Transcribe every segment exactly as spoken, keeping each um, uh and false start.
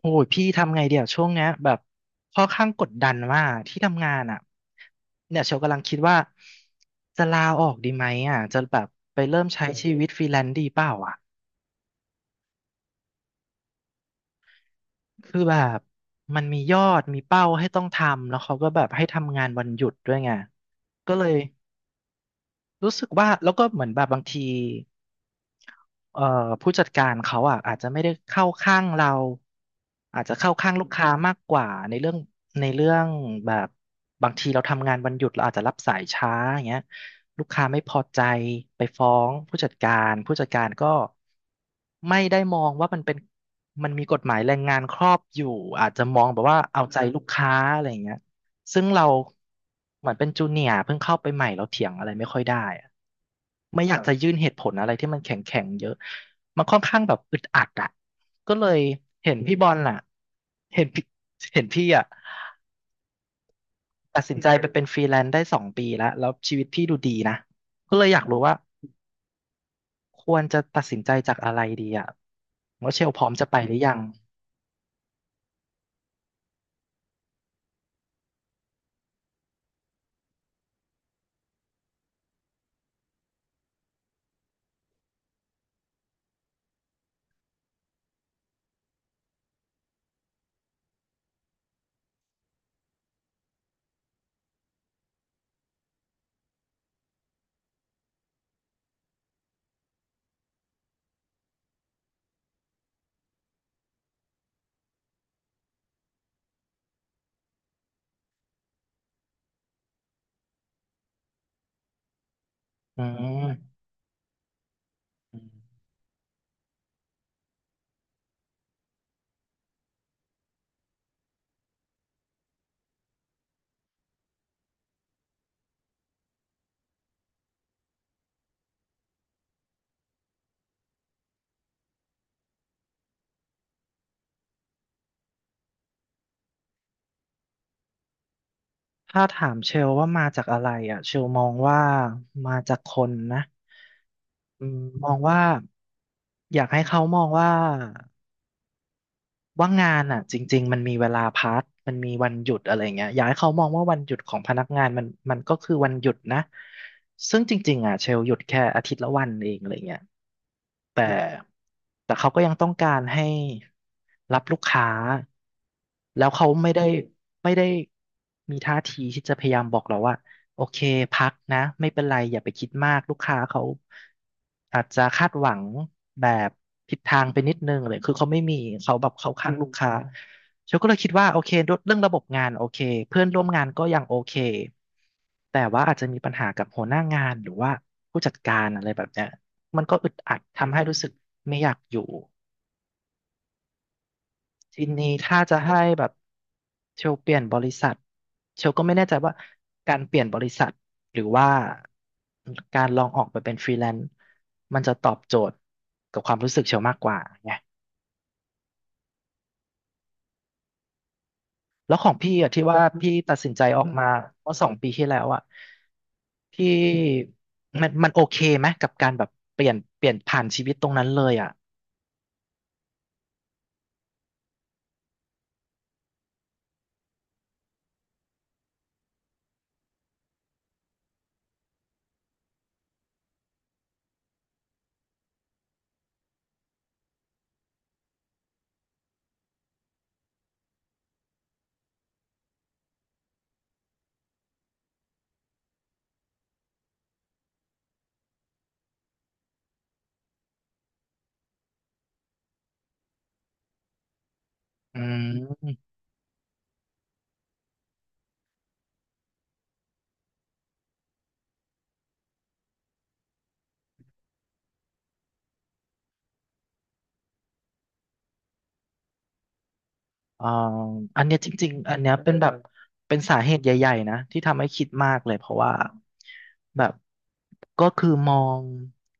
โอ้ยพี่ทำไงเดี๋ยวช่วงเนี้ยแบบค่อนข้างกดดันว่ากที่ทำงานอ่ะเนี่ยเชลกำลังคิดว่าจะลาออกดีไหมอ่ะจะแบบไปเริ่มใช้ชีวิตฟรีแลนซ์ดีเปล่าอ่ะคือแบบมันมียอดมีเป้าให้ต้องทำแล้วเขาก็แบบให้ทำงานวันหยุดด้วยไงก็เลยรู้สึกว่าแล้วก็เหมือนแบบบางที เอ่อผู้จัดการเขาอ่ะอาจจะไม่ได้เข้าข้างเราอาจจะเข้าข้างลูกค้ามากกว่าในเรื่องในเรื่องแบบบางทีเราทำงานวันหยุดเราอาจจะรับสายช้าอย่างเงี้ยลูกค้าไม่พอใจไปฟ้องผู้จัดการผู้จัดการก็ไม่ได้มองว่ามันเป็นมันมีกฎหมายแรงงานครอบอยู่อาจจะมองแบบว่าเอาใจลูกค้าอะไรอย่างเงี้ย ซึ่งเราเหมือนเป็นจูเนียร์เพิ่งเข้าไปใหม่เราเถียงอะไรไม่ค่อยได้อะไม่อคยากรับจะยื่นเหตุผลอะไรที่มันแข็งแข็งเยอะมันค่อนข้างแบบอึดอัดอ่ะก็เลยเห็นพี่บอลล่ะเห็นพี่เห็นพี่อ่ะตัดสินใจไปเป็นฟรีแลนซ์ได้สองปีแล้วแล้วชีวิตพี่ดูดีนะก็เลยอยากรู้ว่าควรจะตัดสินใจจากอะไรดีอ่ะว่าเชลพร้อมจะไปหรือยังอืม ถ้าถามเชลว่ามาจากอะไรอ่ะเชลมองว่ามาจากคนนะอืมมองว่าอยากให้เขามองว่าว่างานอ่ะจริงๆมันมีเวลาพักมันมีวันหยุดอะไรเงี้ยอยากให้เขามองว่าวันหยุดของพนักงานมันมันก็คือวันหยุดนะซึ่งจริงๆอ่ะเชลหยุดแค่อาทิตย์ละวันเองอะไรเงี้ย แต่แต่เขาก็ยังต้องการให้รับลูกค้าแล้วเขาไม่ได้ไม่ได้มีท่าทีที่จะพยายามบอกเราว่าโอเคพักนะไม่เป็นไรอย่าไปคิดมากลูกค้าเขาอาจจะคาดหวังแบบผิดทางไปนิดนึงเลยคือเขาไม่มีเขาแบบเขาข้างอืมลูกค้าฉันก็เลยคิดว่าโอเคเรื่องระบบงานโอเคเพื่อนร่วมงานก็ยังโอเคแต่ว่าอาจจะมีปัญหากับหัวหน้างานหรือว่าผู้จัดการอะไรแบบเนี้ย มันก็อึดอัดทำให้รู้สึกไม่อยากอยู่ทีนี้ถ้าจะให้แบบเชลเปลี่ยนบริษัทเชลก็ไม่แน่ใจว่าการเปลี่ยนบริษัทหรือว่าการลองออกไปเป็นฟรีแลนซ์มันจะตอบโจทย์กับความรู้สึกเชลมากกว่าไงแล้วของพี่อะที่ว่าพี่ตัดสินใจออกมาเมื่อสองปีที่แล้วอะพี่มันมันโอเคไหมกับการแบบเปลี่ยนเปลี่ยนผ่านชีวิตตรงนั้นเลยอะอืม เอ่ออันเนี้ยจริงๆอันเนี้ยเป็นแบบเป็นสาเหตุใหญ่ๆนะที่ทำให้คิดมากเลยเพราะว่าแบบก็คือมอง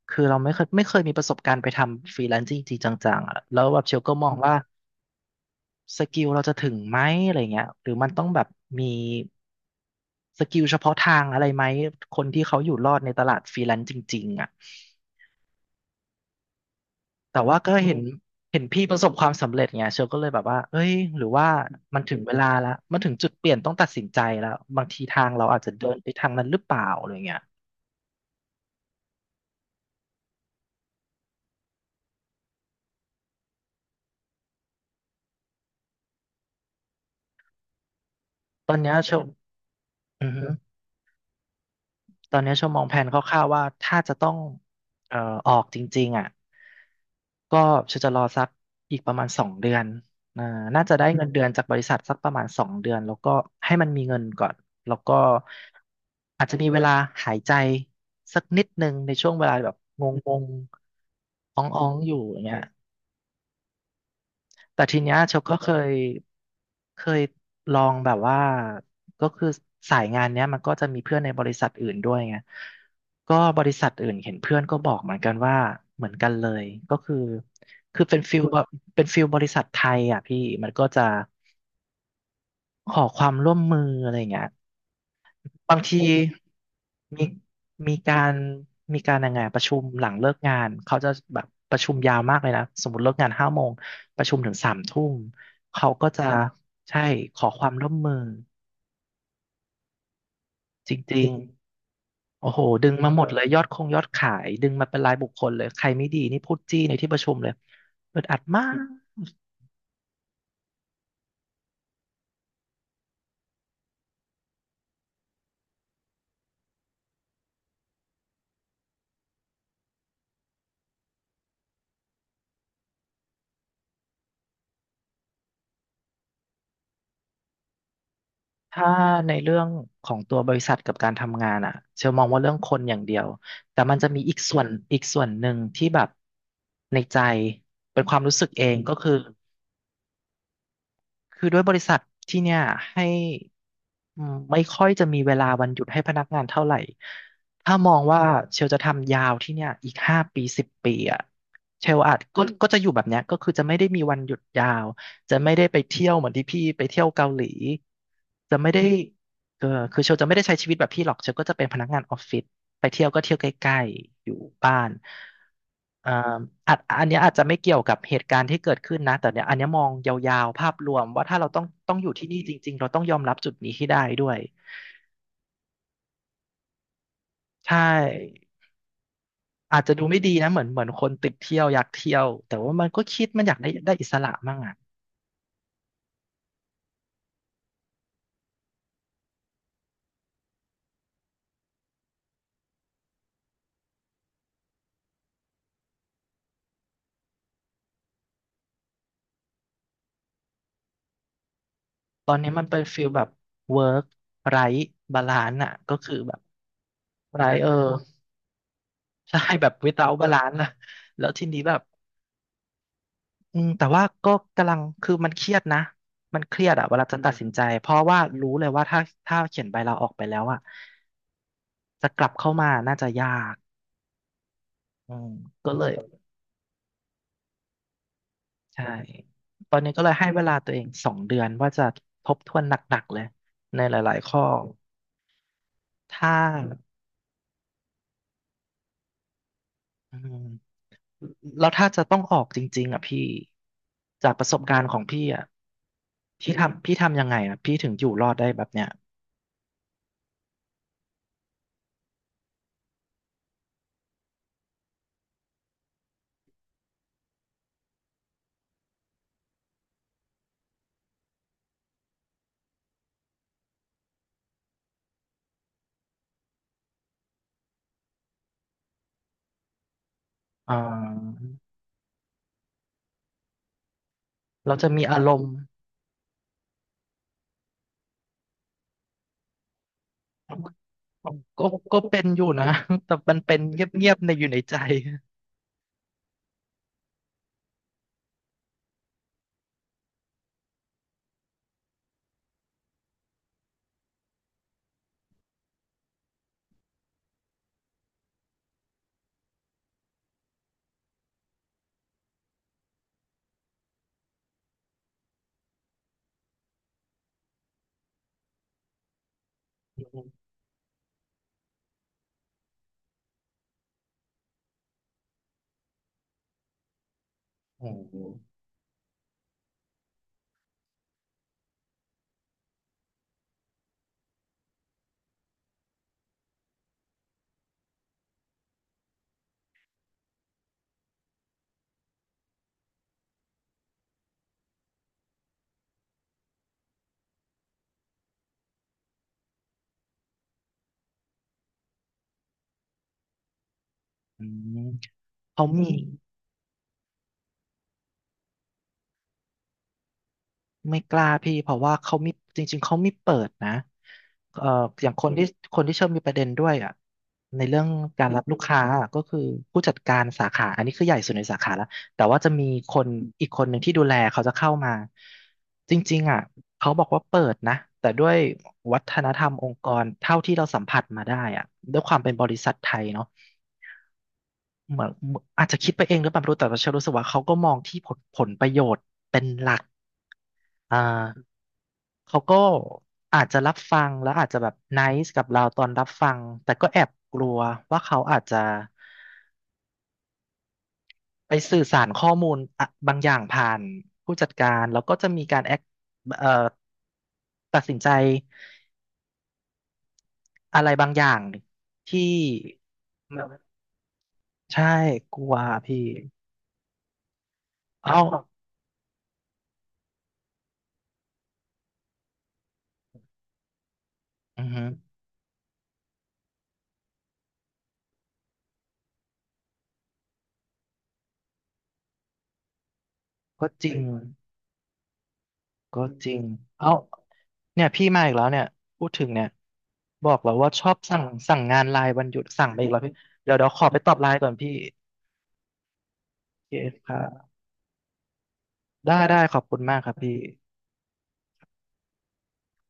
คือเราไม่เคยไม่เคยมีประสบการณ์ไปทำฟรีแลนซ์จริงๆจังๆอะแล้วแบบเชลก็มองว่าสกิลเราจะถึงไหมอะไรเงี้ยหรือมันต้องแบบมีสกิลเฉพาะทางอะไรไหมคนที่เขาอยู่รอดในตลาดฟรีแลนซ์จริงๆอ่ะ แต่ว่าก็เห็นเห็นพี่ประสบความสำเร็จไงเชลก็เลยแบบว่าเอ้ยหรือว่ามันถึงเวลาละมันถึงจุดเปลี่ยนต้องตัดสินใจแล้วบางทีทางเราอาจจะเดินไปทางนั้นหรือเปล่าอะไรเงี้ยตอนเนี้ยเชลอือฮึ ตอนนี้ชมมองแผนคร่าวๆว่าถ้าจะต้องเอ่อออกจริงๆอ่ะก็ฉันจะรอสักอีกประมาณสองเดือนอ่าน่าจะได้เงินเดือนจากบริษัทสักประมาณสองเดือนแล้วก็ให้มันมีเงินก่อนแล้วก็อาจจะมีเวลาหายใจสักนิดนึงในช่วงเวลาแบบงงๆอ้องๆอยู่อย่างเงี้ย แต่ทีเนี้ยเชลก็เคยเคยลองแบบว่าก็คือสายงานเนี้ยมันก็จะมีเพื่อนในบริษัทอื่นด้วยไงก็บริษัทอื่นเห็นเพื่อนก็บอกเหมือนกันว่าเหมือนกันเลยก็คือคือเป็นฟิลแบบเป็นฟิลบริษัทไทยอ่ะพี่มันก็จะขอความร่วมมืออะไรอย่างเงี้ย บางทีมีมีการมีการยังไงอะประชุมหลังเลิกงานเขาจะแบบประชุมยาวมากเลยนะสมมติเลิกงานห้าโมงประชุมถึงสามทุ่มเขาก็จะใช่ขอความร่วมมือจริงๆโอ้โหดึงมาหมดเลยยอดคงยอดขายดึงมาเป็นรายบุคคลเลยใครไม่ดีนี่พูดจี้ในที่ประชุมเลยอึดอัดมาก ถ้าในเรื่องของตัวบริษัทกับการทำงานอ่ะเชลมองว่าเรื่องคนอย่างเดียวแต่มันจะมีอีกส่วนอีกส่วนหนึ่งที่แบบในใจเป็นความรู้สึกเองก็คือ คือด้วยบริษัทที่เนี่ยให้อืมไม่ค่อยจะมีเวลาวันหยุดให้พนักงานเท่าไหร่ถ้ามองว่าเชลจะทำยาวที่เนี่ยอีกห้าปีสิบปีอ่ะเชลอาจก็อืมก็จะอยู่แบบเนี้ยก็คือจะไม่ได้มีวันหยุดยาวจะไม่ได้ไปเที่ยวเหมือนที่พี่ไปเที่ยวเกาหลีจะไม่ได้เออคือเชลจะไม่ได้ใช้ชีวิตแบบพี่หรอกเชลก็จะเป็นพนักงานออฟฟิศ ไปเที่ยวก็เที่ยวใกล้ๆอยู่บ้านอ่าอาจอันเนี้ยอาจจะไม่เกี่ยวกับเหตุการณ์ที่เกิดขึ้นนะ แต่เนี่ยอันเนี้ยมองยาวๆ ภาพรวมว่าถ้าเราต้องต้องอยู่ที่นี่จริงๆ เราต้องยอมรับจุดนี้ให้ได้ด้วยใช่อาจจะดูไม่ดีนะเหมือนเหมือนคนติดเที่ยวอยากเที่ยวแต่ว่ามันก็คิดมันอยากได้ได้อิสระมั่งอ่ะตอนนี้มันเป็นฟิลแบบ work r i g h balance อ่ะก็คือแบบ right เออใช่แบบ without balance นซ์นะแล้วทีนี้แบบ อืมแต่ว่าก็กำลังคือมันเครียดนะมันเครียดอะเวลาจะอืตัดมสินใจเพราะว่ารู้เลยว่าถ้าถ้าเขียนใบลาออกไปแล้วอะจะกลับเข้ามาน่าจะยากอืมก็เลยใช่ตอนนี้ก็เลยให้เวลาตัวเองสองเดือนว่าจะทบทวนหนักๆเลยในหลายๆข้อถ้าอืมแล้วถ้าจะต้องออกจริงๆอะพี่จากประสบการณ์ของพี่อะพี่ทำพี่ทำยังไงอะพี่ถึงอยู่รอดได้แบบเนี้ยอ่าเราจะมีอารมณ์ ก็ก็เป็นอยู่นะ แต่มันเป็นเงียบๆในอยู่ในใจโอ้โหอืมเขามีไม่กล้าพี่เพราะว่าเขามีจริงๆเขาไม่เปิดนะเอ่ออย่างคนที่คนที่เชื่อมมีประเด็นด้วยอ่ะในเรื่องการรับลูกค้าอะก็คือผู้จัดการสาขาอันนี้คือใหญ่สุดในสาขาแล้วแต่ว่าจะมีคนอีกคนหนึ่งที่ดูแลเขาจะเข้ามาจริงๆอ่ะเขาบอกว่าเปิดนะแต่ด้วยวัฒนธรรมองค์กรเท่าที่เราสัมผัสมาได้อ่ะด้วยความเป็นบริษัทไทยเนาะ เหมือนอาจจะคิดไปเองหรือเปล่าไม่รู้แต่ว่าเชอรู้สึกว่าเขาก็มองที่ผลผลประโยชน์เป็นหลักอ่าเขาก็อาจจะรับฟังแล้วอาจจะแบบไนซ์กับเราตอนรับฟังแต่ก็แอบกลัวว่าเขาอาจจะไปสื่อสารข้อมูลอะบางอย่างผ่านผู้จัดการแล้วก็จะมีการแอคเอ่อตัดสินใจอะไรบางอย่างที่ใช่กลัวพี่เอ้าอือฮึก็จริง ก็จริง เอ้าเนี่ยพี่มาอีกแล้วเนี่ยพูดถึงเนี่ยบอกแล้วว่าชอบสั่งสั่งงานไลน์วันหยุดสั่งไปอีกแล้วพี่เดี๋ยวเดี๋ยวขอไปตอบไลน์ก่อนพี่โอเคค่ะได้ได้ขอบคุณมากครับพี่